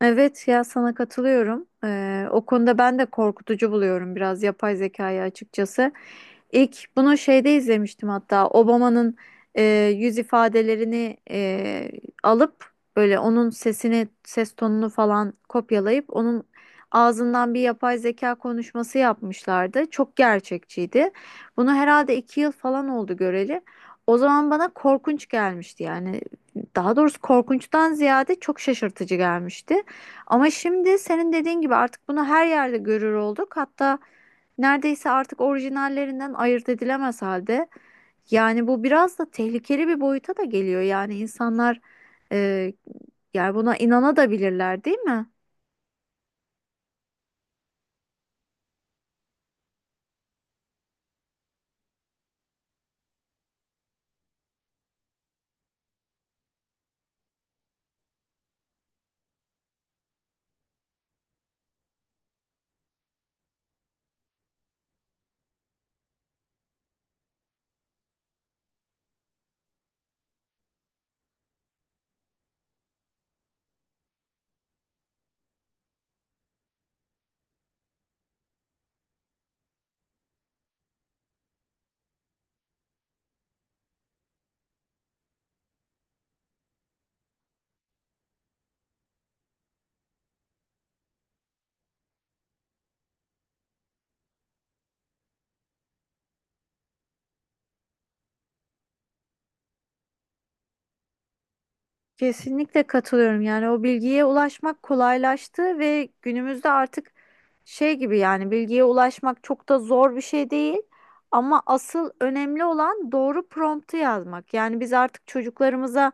Evet ya sana katılıyorum. O konuda ben de korkutucu buluyorum biraz yapay zekayı açıkçası. İlk bunu şeyde izlemiştim hatta Obama'nın e, yüz ifadelerini alıp böyle onun sesini ses tonunu falan kopyalayıp onun ağzından bir yapay zeka konuşması yapmışlardı. Çok gerçekçiydi. Bunu herhalde 2 yıl falan oldu göreli. O zaman bana korkunç gelmişti yani. Daha doğrusu korkunçtan ziyade çok şaşırtıcı gelmişti. Ama şimdi senin dediğin gibi artık bunu her yerde görür olduk. Hatta neredeyse artık orijinallerinden ayırt edilemez halde. Yani bu biraz da tehlikeli bir boyuta da geliyor. Yani insanlar e, yani buna inanabilirler, değil mi? Kesinlikle katılıyorum. Yani o bilgiye ulaşmak kolaylaştı ve günümüzde artık şey gibi yani bilgiye ulaşmak çok da zor bir şey değil. Ama asıl önemli olan doğru promptu yazmak. Yani biz artık çocuklarımıza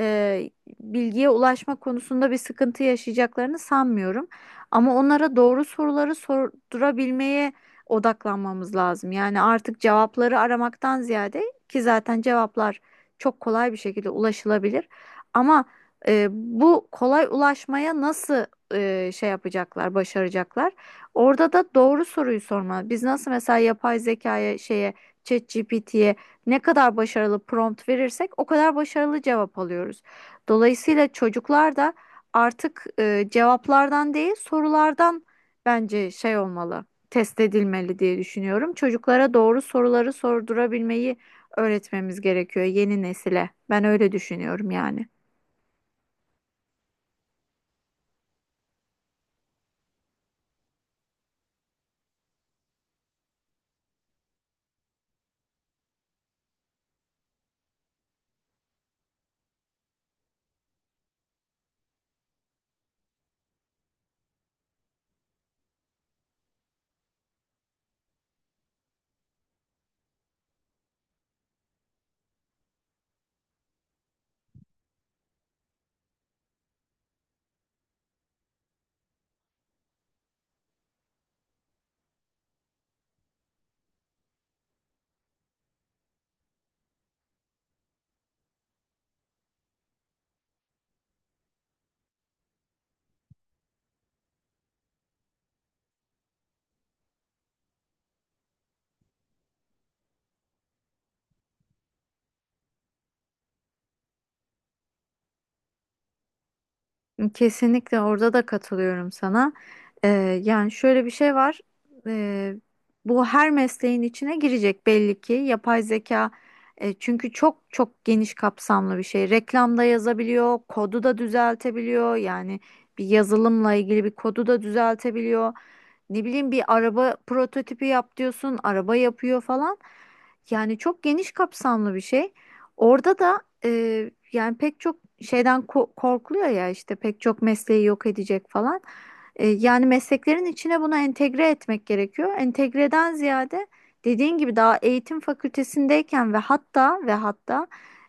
e, bilgiye ulaşma konusunda bir sıkıntı yaşayacaklarını sanmıyorum. Ama onlara doğru soruları sordurabilmeye odaklanmamız lazım. Yani artık cevapları aramaktan ziyade ki zaten cevaplar çok kolay bir şekilde ulaşılabilir. Ama bu kolay ulaşmaya nasıl şey yapacaklar, başaracaklar? Orada da doğru soruyu sorma. Biz nasıl mesela yapay zekaya şeye ChatGPT'ye ne kadar başarılı prompt verirsek o kadar başarılı cevap alıyoruz. Dolayısıyla çocuklar da artık cevaplardan değil sorulardan bence şey olmalı, test edilmeli diye düşünüyorum. Çocuklara doğru soruları sordurabilmeyi öğretmemiz gerekiyor yeni nesile. Ben öyle düşünüyorum yani. Kesinlikle orada da katılıyorum sana. Ee, Yani şöyle bir şey var. Ee, Bu her mesleğin içine girecek belli ki. Yapay zeka çünkü çok çok geniş kapsamlı bir şey. Reklamda yazabiliyor, kodu da düzeltebiliyor. Yani bir yazılımla ilgili bir kodu da düzeltebiliyor. Ne bileyim bir araba prototipi yap diyorsun, araba yapıyor falan. Yani çok geniş kapsamlı bir şey. Orada da yani pek çok şeyden korkuluyor ya işte pek çok mesleği yok edecek falan. Yani mesleklerin içine bunu entegre etmek gerekiyor. Entegreden ziyade dediğin gibi daha eğitim fakültesindeyken ve hatta ve hatta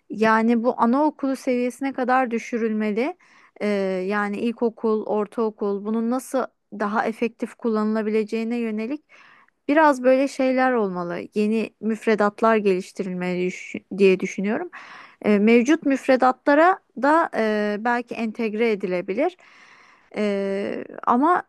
yani bu anaokulu seviyesine kadar düşürülmeli. E, Yani ilkokul, ortaokul bunun nasıl daha efektif kullanılabileceğine yönelik biraz böyle şeyler olmalı. Yeni müfredatlar geliştirilmeli diye düşünüyorum. Mevcut müfredatlara da belki entegre edilebilir. Ama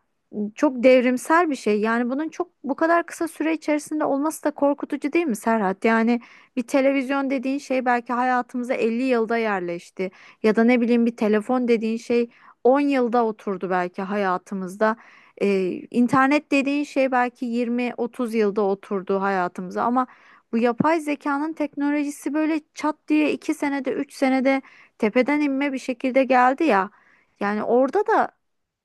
çok devrimsel bir şey. Yani bunun çok bu kadar kısa süre içerisinde olması da korkutucu değil mi, Serhat? Yani bir televizyon dediğin şey belki hayatımıza 50 yılda yerleşti. Ya da ne bileyim bir telefon dediğin şey 10 yılda oturdu belki hayatımızda. E, internet dediğin şey belki 20-30 yılda oturdu hayatımıza ama bu yapay zekanın teknolojisi böyle çat diye 2 senede, 3 senede tepeden inme bir şekilde geldi ya. Yani orada da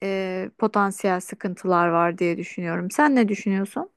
potansiyel sıkıntılar var diye düşünüyorum. Sen ne düşünüyorsun?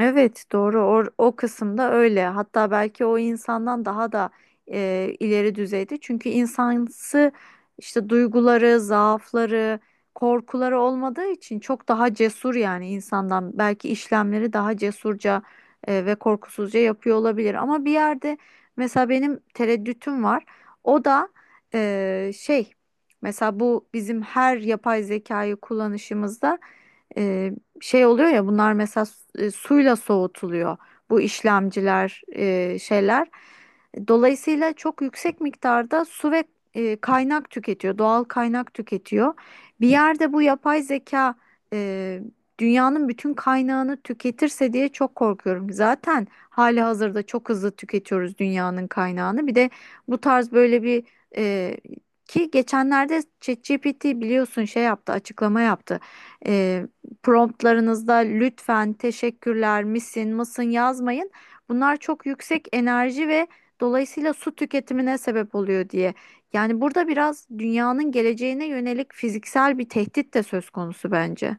Evet, doğru. O kısımda öyle, hatta belki o insandan daha da ileri düzeyde, çünkü insansı işte duyguları, zaafları, korkuları olmadığı için çok daha cesur. Yani insandan belki işlemleri daha cesurca ve korkusuzca yapıyor olabilir ama bir yerde mesela benim tereddütüm var. O da şey, mesela bu bizim her yapay zekayı kullanışımızda şey oluyor ya, bunlar mesela suyla soğutuluyor bu işlemciler, şeyler. Dolayısıyla çok yüksek miktarda su ve kaynak tüketiyor, doğal kaynak tüketiyor. Bir yerde bu yapay zeka e, dünyanın bütün kaynağını tüketirse diye çok korkuyorum. Zaten hali hazırda çok hızlı tüketiyoruz dünyanın kaynağını. Bir de bu tarz böyle bir e, ki geçenlerde ChatGPT biliyorsun şey yaptı, açıklama yaptı. E, Promptlarınızda lütfen teşekkürler misin mısın yazmayın. Bunlar çok yüksek enerji ve dolayısıyla su tüketimine sebep oluyor diye. Yani burada biraz dünyanın geleceğine yönelik fiziksel bir tehdit de söz konusu bence.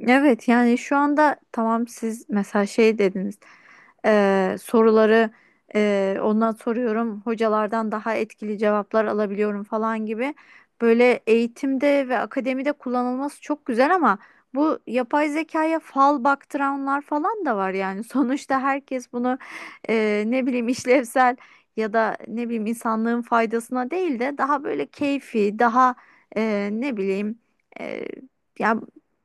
Evet, yani şu anda tamam, siz mesela şey dediniz, soruları ondan soruyorum, hocalardan daha etkili cevaplar alabiliyorum falan gibi, böyle eğitimde ve akademide kullanılması çok güzel ama bu yapay zekaya fal baktıranlar falan da var yani sonuçta herkes bunu ne bileyim işlevsel ya da ne bileyim insanlığın faydasına değil de daha böyle keyfi, daha ne bileyim eee, ya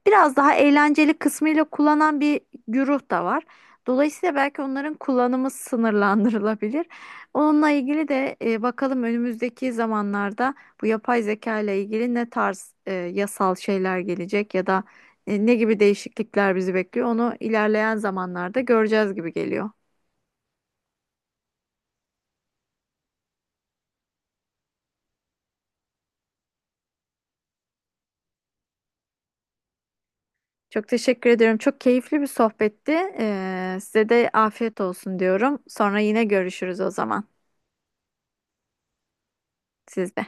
biraz daha eğlenceli kısmıyla kullanan bir güruh da var. Dolayısıyla belki onların kullanımı sınırlandırılabilir. Onunla ilgili de bakalım önümüzdeki zamanlarda bu yapay zeka ile ilgili ne tarz yasal şeyler gelecek ya da ne gibi değişiklikler bizi bekliyor, onu ilerleyen zamanlarda göreceğiz gibi geliyor. Çok teşekkür ediyorum. Çok keyifli bir sohbetti. Size de afiyet olsun diyorum. Sonra yine görüşürüz o zaman sizde.